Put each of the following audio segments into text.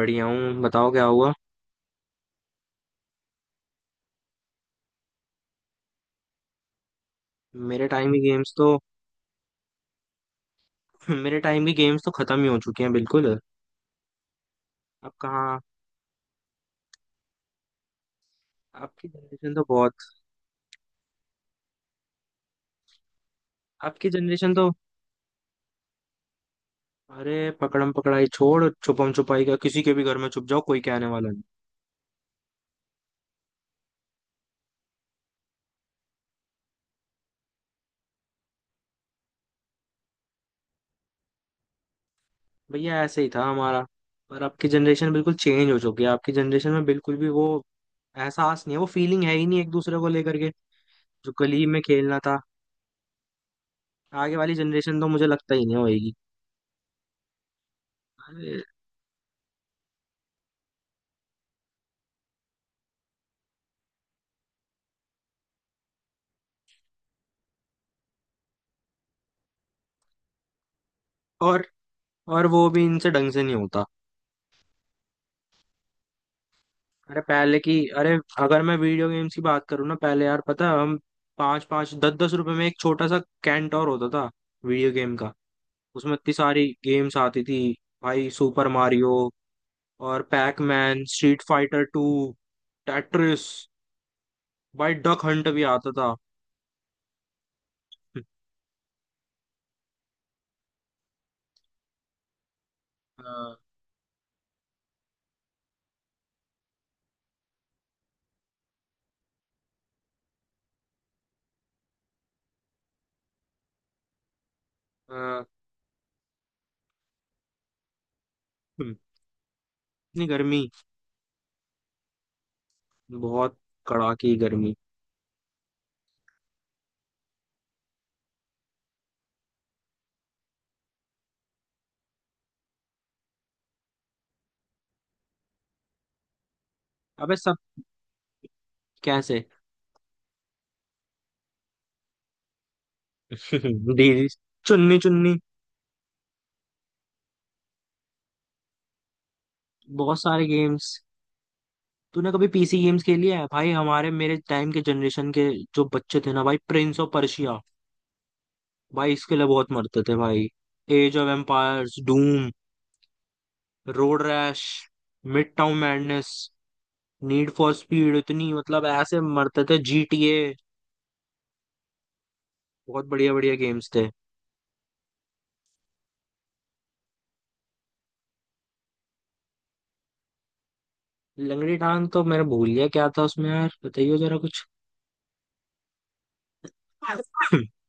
बढ़िया हूँ, बताओ क्या हुआ। मेरे टाइम ही गेम्स तो मेरे टाइम ही गेम्स तो खत्म ही हो चुके हैं, बिल्कुल। अब कहाँ। आपकी जनरेशन तो बहुत आपकी जनरेशन तो अरे, पकड़म पकड़ाई छोड़ छुपम छुपाई का किसी के भी घर में छुप जाओ, कोई कहने वाला नहीं। भैया ऐसे ही था हमारा। पर आपकी जनरेशन बिल्कुल चेंज हो चुकी है, आपकी जनरेशन में बिल्कुल भी वो एहसास नहीं है, वो फीलिंग है ही नहीं एक दूसरे को लेकर के। जो गली में खेलना था। आगे वाली जनरेशन तो मुझे लगता ही नहीं होएगी। अरे, और और वो भी इनसे ढंग से नहीं होता। अरे पहले की अरे, अगर मैं वीडियो गेम्स की बात करूँ ना, पहले यार पता है, हम पाँच पाँच दस दस रुपए में एक छोटा सा कैंटोर होता था वीडियो गेम का। उसमें इतनी सारी गेम्स आती थी, भाई सुपर मारियो और Pac Man, Street Fighter two, Tetris. भाई डक हंट भी आता था। अ, अ, हम्म, इतनी गर्मी। बहुत कड़ाकी गर्मी। अबे सब कैसे। दीदी, चुन्नी चुन्नी। बहुत सारे गेम्स। तूने कभी पीसी गेम्स खेली है भाई? हमारे मेरे टाइम के जनरेशन के जो बच्चे थे ना भाई, प्रिंस ऑफ पर्शिया, भाई इसके लिए बहुत मरते थे भाई। Age of Empires, Doom, Road Rash, Midtown Madness, Need for Speed, इतनी मतलब ऐसे मरते थे, जीटीए। बहुत बढ़िया बढ़िया गेम्स थे। लंगड़ी टांग तो मैंने भूल गया क्या था उसमें, यार बताइए जरा कुछ।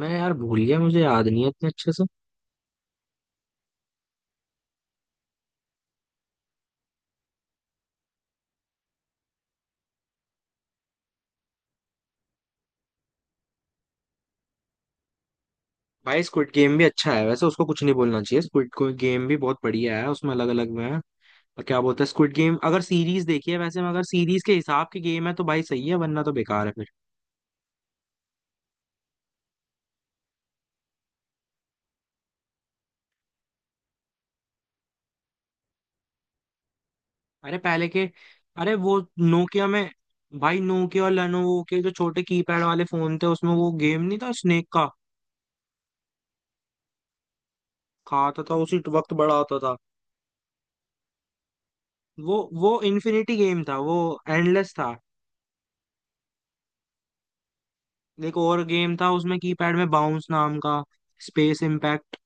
मैं यार भूल गया, मुझे याद नहीं है इतने अच्छे से। भाई स्क्विड गेम भी अच्छा है वैसे, उसको कुछ नहीं बोलना चाहिए, स्क्विड गेम भी बहुत बढ़िया है, उसमें अलग अलग में है। क्या बोलते हैं, स्क्विड गेम अगर सीरीज देखी है वैसे, मगर सीरीज के हिसाब की गेम है तो भाई सही है, वरना तो बेकार है फिर। अरे पहले के अरे, वो नोकिया में, भाई नोकिया और लेनोवो के जो छोटे कीपैड वाले फोन थे, उसमें वो गेम नहीं था स्नेक का? खाता था उसी वक्त बड़ा होता था वो। वो इन्फिनिटी गेम था वो, एंडलेस था। एक और गेम था उसमें कीपैड में बाउंस नाम का, स्पेस इम्पैक्ट।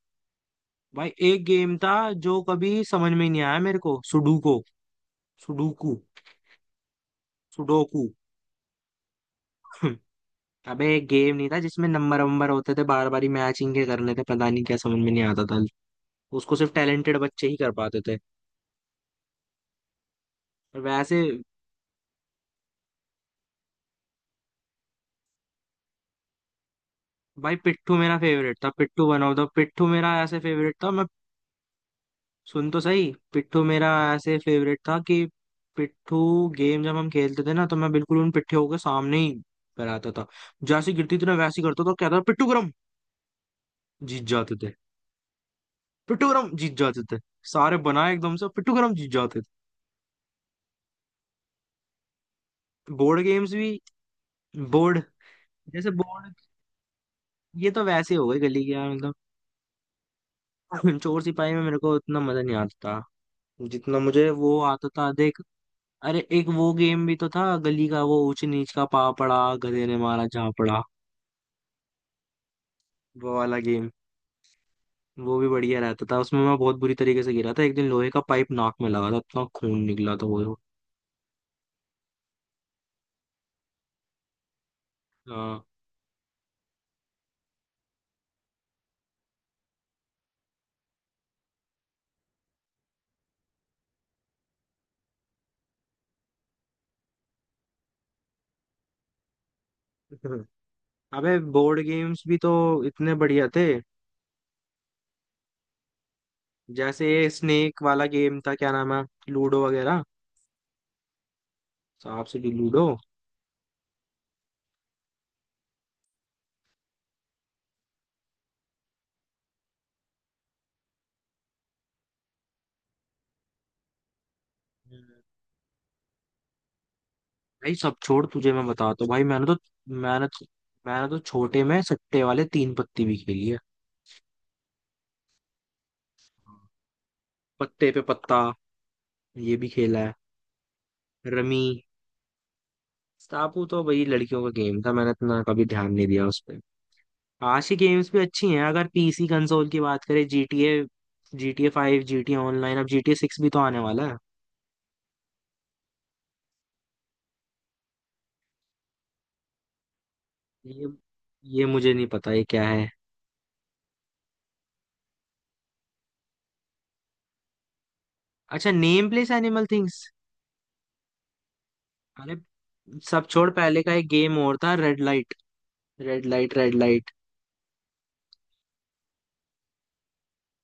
भाई एक गेम था जो कभी समझ में ही नहीं आया मेरे को, सुडोको, सुडोकू, सुडोकू अबे एक गेम नहीं था जिसमें नंबर वंबर होते थे, बार बार ही मैचिंग के करने थे? पता नहीं, क्या समझ में नहीं आता था। उसको सिर्फ टैलेंटेड बच्चे ही कर पाते थे। और वैसे भाई पिट्ठू मेरा फेवरेट था, पिट्ठू वन ऑफ द पिट्ठू मेरा ऐसे फेवरेट था। मैं सुन तो सही, पिट्ठू मेरा ऐसे फेवरेट था कि पिट्ठू गेम जब हम खेलते थे ना, तो मैं बिल्कुल उन पिट्ठू के सामने ही कराता था, जैसे गिरती थी ना वैसे ही करता था, कहता था, पिट्ठू गरम, जीत जाते थे। पिट्ठू गरम, जीत जाते थे। सारे बनाए एकदम से, पिट्ठू गरम, जीत जाते थे। बोर्ड गेम्स भी। बोर्ड, जैसे बोर्ड। ये तो वैसे हो गई गली की, यार मतलब। चोर सिपाही में मेरे को उतना मजा नहीं आता जितना मुझे वो आता था, देख। अरे एक वो गेम भी तो था गली का, वो ऊंच नीच का पापड़ा, गधे ने मारा झापड़ा, वो वाला गेम। वो भी बढ़िया रहता था, उसमें मैं बहुत बुरी तरीके से गिरा था एक दिन, लोहे का पाइप नाक में लगा था, इतना खून निकला था वो। हाँ। अबे बोर्ड गेम्स भी तो इतने बढ़िया थे। जैसे ये स्नेक वाला गेम था, क्या नाम है? लूडो वगैरह, सांप सीढ़ी, लूडो। भाई सब छोड़, तुझे मैं बताता हूँ भाई, मैंने तो मैंने तो छोटे में सट्टे वाले तीन पत्ती भी खेली है, पत्ते पे पत्ता, ये भी खेला है, रमी। स्टापू तो भाई लड़कियों का गेम था, मैंने इतना कभी ध्यान नहीं दिया उस पर। आज की गेम्स भी अच्छी हैं, अगर पीसी कंसोल की बात करें GTA फाइव, GTA ऑनलाइन, अब GTA सिक्स भी तो आने वाला है। ये ये मुझे नहीं पता ये क्या है। अच्छा, नेम प्लेस एनिमल थिंग्स। अरे सब छोड़, पहले का एक गेम और था, रेड लाइट,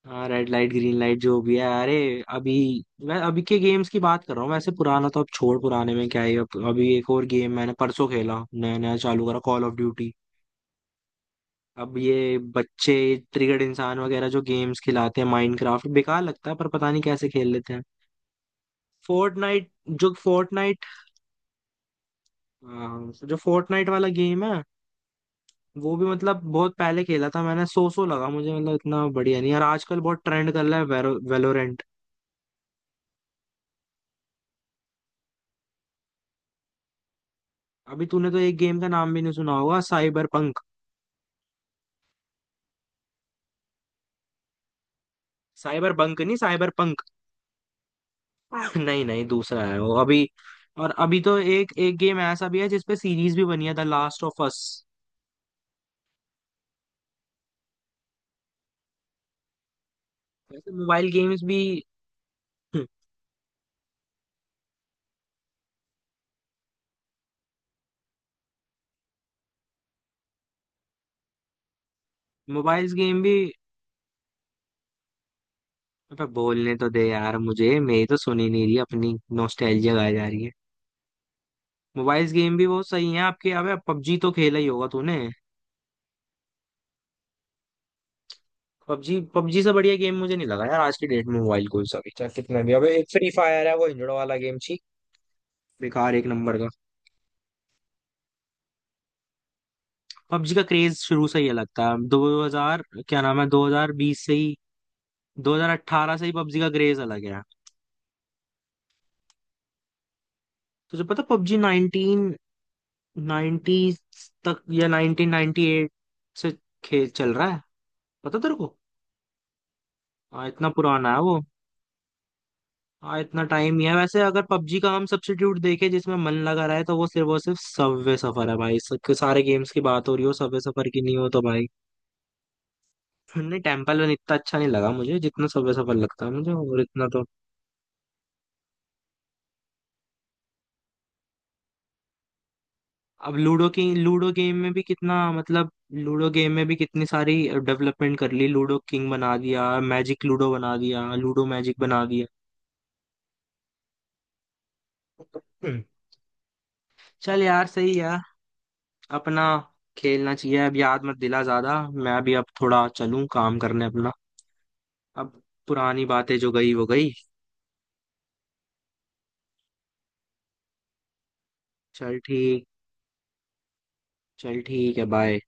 हाँ रेड लाइट ग्रीन लाइट, जो भी है। अरे अभी मैं अभी के गेम्स की बात कर रहा हूँ वैसे, पुराना तो अब छोड़, पुराने में क्या ही अब। अभी एक और गेम मैंने परसों खेला, नया नया चालू करा, कॉल ऑफ ड्यूटी। अब ये बच्चे ट्रिगर्ड इंसान वगैरह जो गेम्स खिलाते हैं माइनक्राफ्ट, बेकार लगता है पर पता नहीं कैसे खेल लेते हैं। फोर्टनाइट। जो फोर्टनाइट हाँ, जो फोर्टनाइट वाला गेम है वो भी, मतलब बहुत पहले खेला था मैंने, सो लगा मुझे, मतलब इतना बढ़िया नहीं यार, आजकल बहुत ट्रेंड कर रहा है। वेलोरेंट। अभी तूने तो एक गेम का नाम भी नहीं सुना होगा, साइबर साइबर बंक नहीं, साइबर पंक। नहीं नहीं, दूसरा है वो अभी। और अभी तो एक एक गेम ऐसा भी है जिसपे सीरीज भी बनी है, द लास्ट ऑफ अस। वैसे मोबाइल गेम्स भी मोबाइल गेम भी अबे बोलने तो दे यार मुझे, मेरी तो सुनी नहीं रही अपनी, नॉस्टैल्जिया गाई जा रही है। मोबाइल गेम भी बहुत सही है आपके। अबे पबजी तो खेला ही होगा तूने। पबजी पबजी से बढ़िया गेम मुझे नहीं लगा यार, आज की डेट में मोबाइल, कोई सा भी, चाहे कितना भी, अबे एक फ्री फायर है वो इंजड़ वाला गेम, छी बेकार, एक नंबर का। पबजी का क्रेज शुरू से ही अलग था। 2000, क्या नाम है, 2020 से ही, 2018 से ही पबजी का क्रेज अलग है। तुझे पता पबजी 19, 90s तक, या 1998 से खेल चल रहा है, पता तेरे को? हाँ इतना पुराना है वो। हाँ इतना टाइम ही है। वैसे अगर पबजी का हम सब्स्टिट्यूट देखें जिसमें मन लगा रहा है, तो वो सिर्फ और सिर्फ सबवे सफर है भाई। सारे गेम्स की बात हो रही हो, सबवे सफर की नहीं हो तो भाई। नहीं, टेम्पल रन इतना अच्छा नहीं लगा मुझे जितना सबवे सफर लगता है मुझे, और इतना तो। अब लूडो की, लूडो गेम में भी कितना, मतलब लूडो गेम में भी कितनी सारी डेवलपमेंट कर ली, लूडो किंग बना दिया, मैजिक लूडो बना दिया, लूडो मैजिक बना दिया। हम्म, चल यार सही है अपना, खेलना चाहिए। अब याद मत दिला ज्यादा, मैं भी अब थोड़ा चलूं, काम करने अपना। अब पुरानी बातें जो गई वो गई। चल ठीक, चल ठीक है, बाय।